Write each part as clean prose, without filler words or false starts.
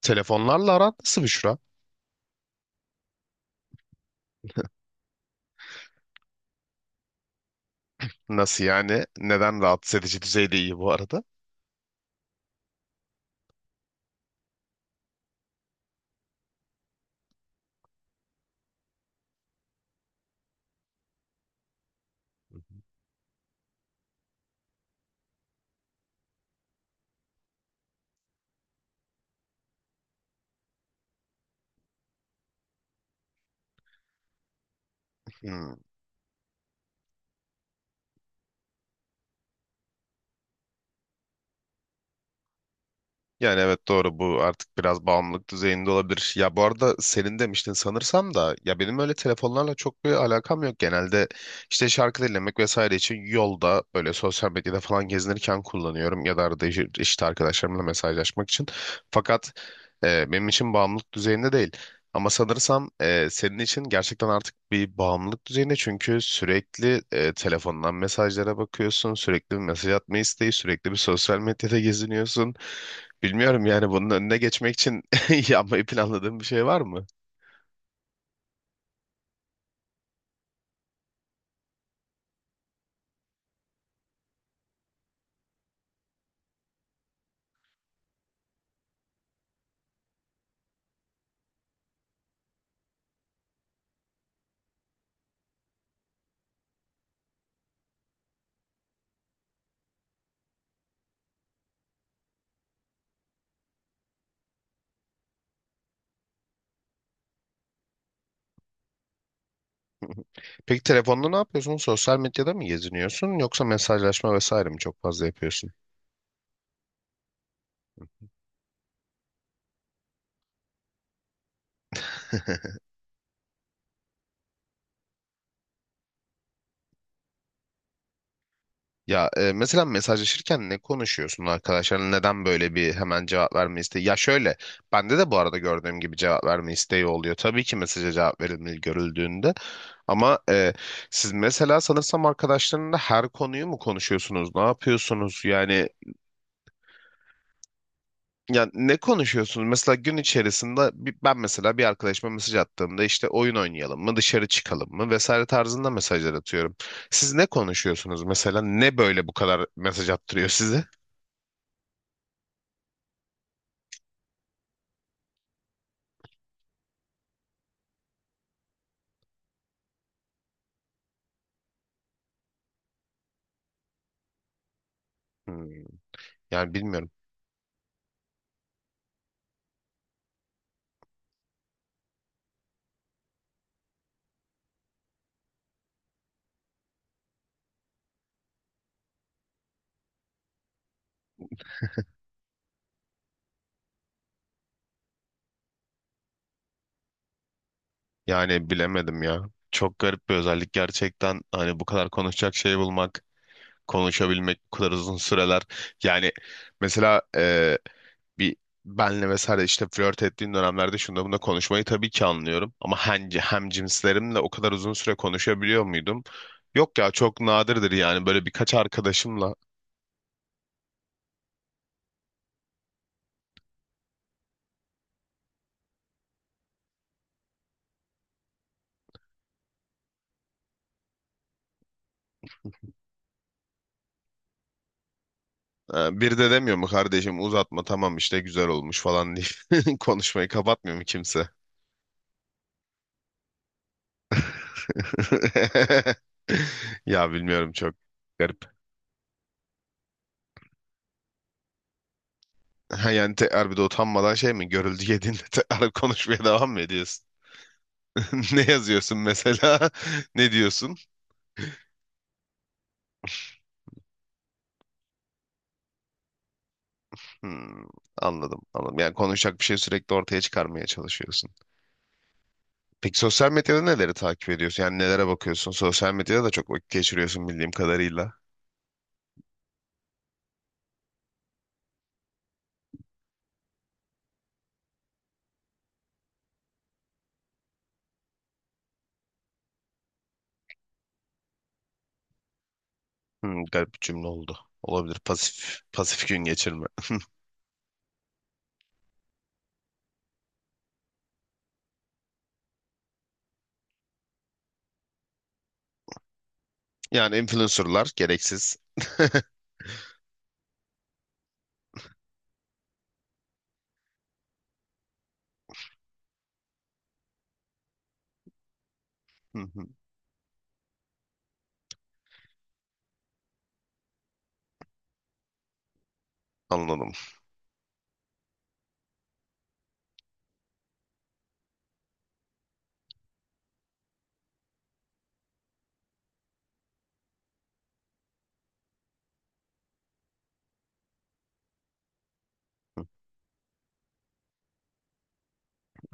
Telefonlarla aran nasıl Büşra? Nasıl yani? Neden rahatsız edici düzeyde iyi bu arada? Hmm. Yani evet doğru bu artık biraz bağımlılık düzeyinde olabilir. Ya bu arada senin demiştin sanırsam da ya benim öyle telefonlarla çok bir alakam yok. Genelde işte şarkı dinlemek vesaire için yolda böyle sosyal medyada falan gezinirken kullanıyorum ya da arada işte arkadaşlarımla mesajlaşmak için. Fakat benim için bağımlılık düzeyinde değil. Ama sanırsam senin için gerçekten artık bir bağımlılık düzeyinde çünkü sürekli telefondan mesajlara bakıyorsun, sürekli bir mesaj atma isteği, sürekli bir sosyal medyada geziniyorsun. Bilmiyorum yani bunun önüne geçmek için yapmayı planladığın bir şey var mı? Peki telefonda ne yapıyorsun? Sosyal medyada mı geziniyorsun yoksa mesajlaşma vesaire mi çok fazla yapıyorsun? Ya mesela mesajlaşırken ne konuşuyorsun arkadaşlarla? Neden böyle bir hemen cevap verme isteği? Ya şöyle, bende de bu arada gördüğüm gibi cevap verme isteği oluyor. Tabii ki mesaja cevap verilmeli görüldüğünde. Ama siz mesela sanırsam arkadaşlarınla her konuyu mu konuşuyorsunuz? Ne yapıyorsunuz? Yani ya ne konuşuyorsunuz? Mesela gün içerisinde ben mesela bir arkadaşıma mesaj attığımda işte oyun oynayalım mı, dışarı çıkalım mı vesaire tarzında mesajlar atıyorum. Siz ne konuşuyorsunuz mesela? Ne böyle bu kadar mesaj attırıyor size? Hmm. Yani bilmiyorum. Yani bilemedim ya. Çok garip bir özellik gerçekten. Hani bu kadar konuşacak şey bulmak, konuşabilmek bu kadar uzun süreler. Yani mesela bir benle vesaire işte flört ettiğin dönemlerde şunda bunda konuşmayı tabii ki anlıyorum. Ama hem cinslerimle o kadar uzun süre konuşabiliyor muydum? Yok ya çok nadirdir yani böyle birkaç arkadaşımla. Bir de demiyor mu kardeşim uzatma tamam işte güzel olmuş falan diye konuşmayı kapatmıyor mu kimse? Ya bilmiyorum çok garip. Ha, yani te bir utanmadan şey mi görüldü yediğinde tekrar konuşmaya devam mı ediyorsun? Ne yazıyorsun mesela? Ne diyorsun? Hmm, anladım anladım. Yani konuşacak bir şey sürekli ortaya çıkarmaya çalışıyorsun. Peki sosyal medyada neleri takip ediyorsun? Yani nelere bakıyorsun? Sosyal medyada da çok vakit geçiriyorsun bildiğim kadarıyla. Hmm, garip bir cümle oldu. Olabilir. Pasif gün geçirme. Yani influencerlar gereksiz. Hı hı, anladım.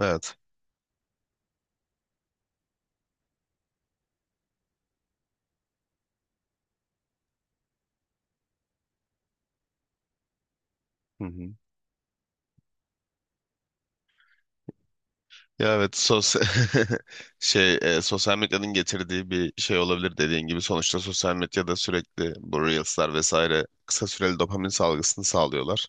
Evet. Ya evet sosyal şey sosyal medyanın getirdiği bir şey olabilir dediğin gibi sonuçta sosyal medyada sürekli bu Reels'lar vesaire kısa süreli dopamin salgısını sağlıyorlar.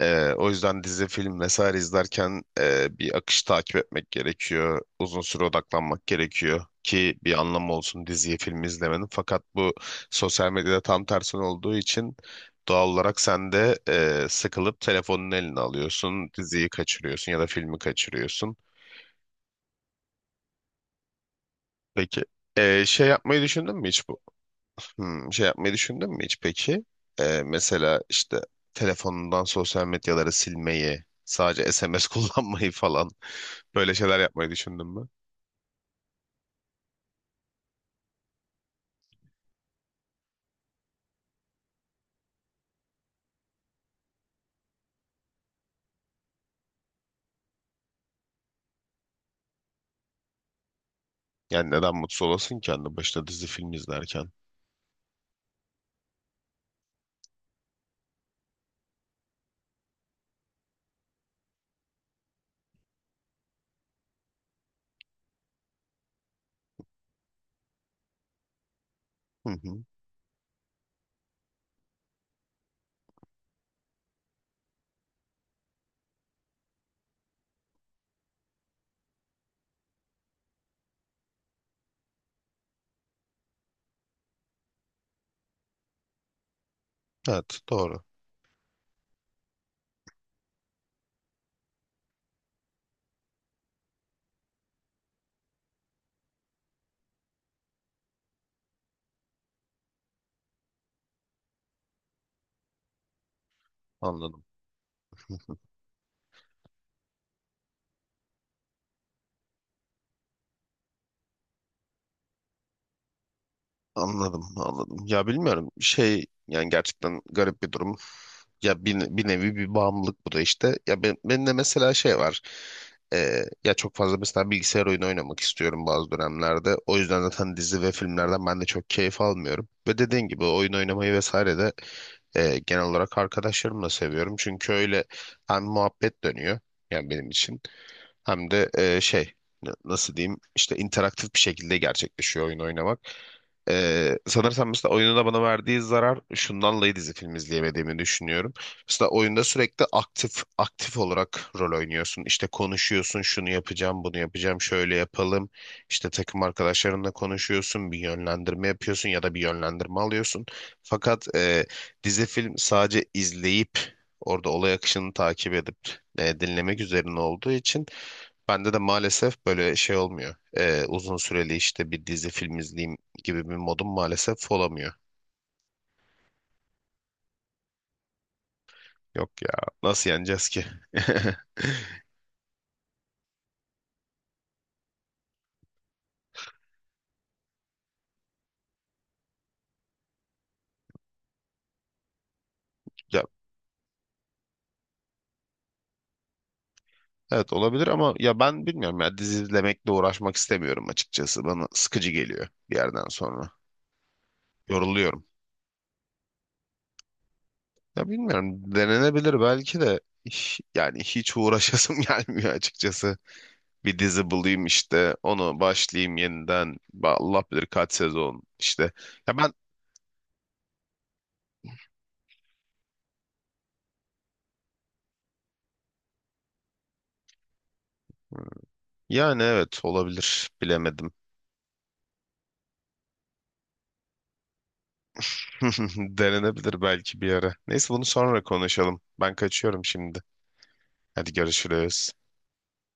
E, o yüzden dizi, film vesaire izlerken bir akış takip etmek gerekiyor. Uzun süre odaklanmak gerekiyor ki bir anlamı olsun diziyi, filmi izlemenin. Fakat bu sosyal medyada tam tersi olduğu için doğal olarak sen de sıkılıp telefonun eline alıyorsun, diziyi kaçırıyorsun ya da filmi kaçırıyorsun. Peki. Şey yapmayı düşündün mü hiç bu? Hmm, şey yapmayı düşündün mü hiç peki? Mesela işte telefonundan sosyal medyaları silmeyi, sadece SMS kullanmayı falan böyle şeyler yapmayı düşündün mü? Yani neden mutsuz olasın ki anne başta dizi film izlerken? Hı hı. Evet doğru. Anladım. Anladım, anladım. Ya bilmiyorum şey yani gerçekten garip bir durum. Ya bir nevi bir bağımlılık bu da işte. Benim de mesela şey var. Ya çok fazla mesela bilgisayar oyunu oynamak istiyorum bazı dönemlerde. O yüzden zaten dizi ve filmlerden ben de çok keyif almıyorum. Ve dediğin gibi oyun oynamayı vesaire de genel olarak arkadaşlarımla seviyorum. Çünkü öyle hem muhabbet dönüyor yani benim için. Hem de şey nasıl diyeyim işte interaktif bir şekilde gerçekleşiyor oyun oynamak. E, sanırsam mesela oyunun da bana verdiği zarar şundan dolayı dizi film izleyemediğimi düşünüyorum. Mesela oyunda sürekli aktif aktif olarak rol oynuyorsun. İşte konuşuyorsun şunu yapacağım bunu yapacağım şöyle yapalım. İşte takım arkadaşlarınla konuşuyorsun bir yönlendirme yapıyorsun ya da bir yönlendirme alıyorsun. Fakat dizi film sadece izleyip orada olay akışını takip edip dinlemek üzerine olduğu için bende de maalesef böyle şey olmuyor. Uzun süreli işte bir dizi film izleyeyim gibi bir modum maalesef olamıyor. Yok ya nasıl yeneceğiz ki? Ya, evet olabilir ama ya ben bilmiyorum ya dizi izlemekle uğraşmak istemiyorum açıkçası. Bana sıkıcı geliyor bir yerden sonra. Yoruluyorum. Ya bilmiyorum denenebilir belki de yani hiç uğraşasım gelmiyor açıkçası. Bir dizi bulayım işte onu başlayayım yeniden. Allah bilir kaç sezon işte. Ya ben Yani evet olabilir. Bilemedim. Denenebilir belki bir ara. Neyse bunu sonra konuşalım. Ben kaçıyorum şimdi. Hadi görüşürüz.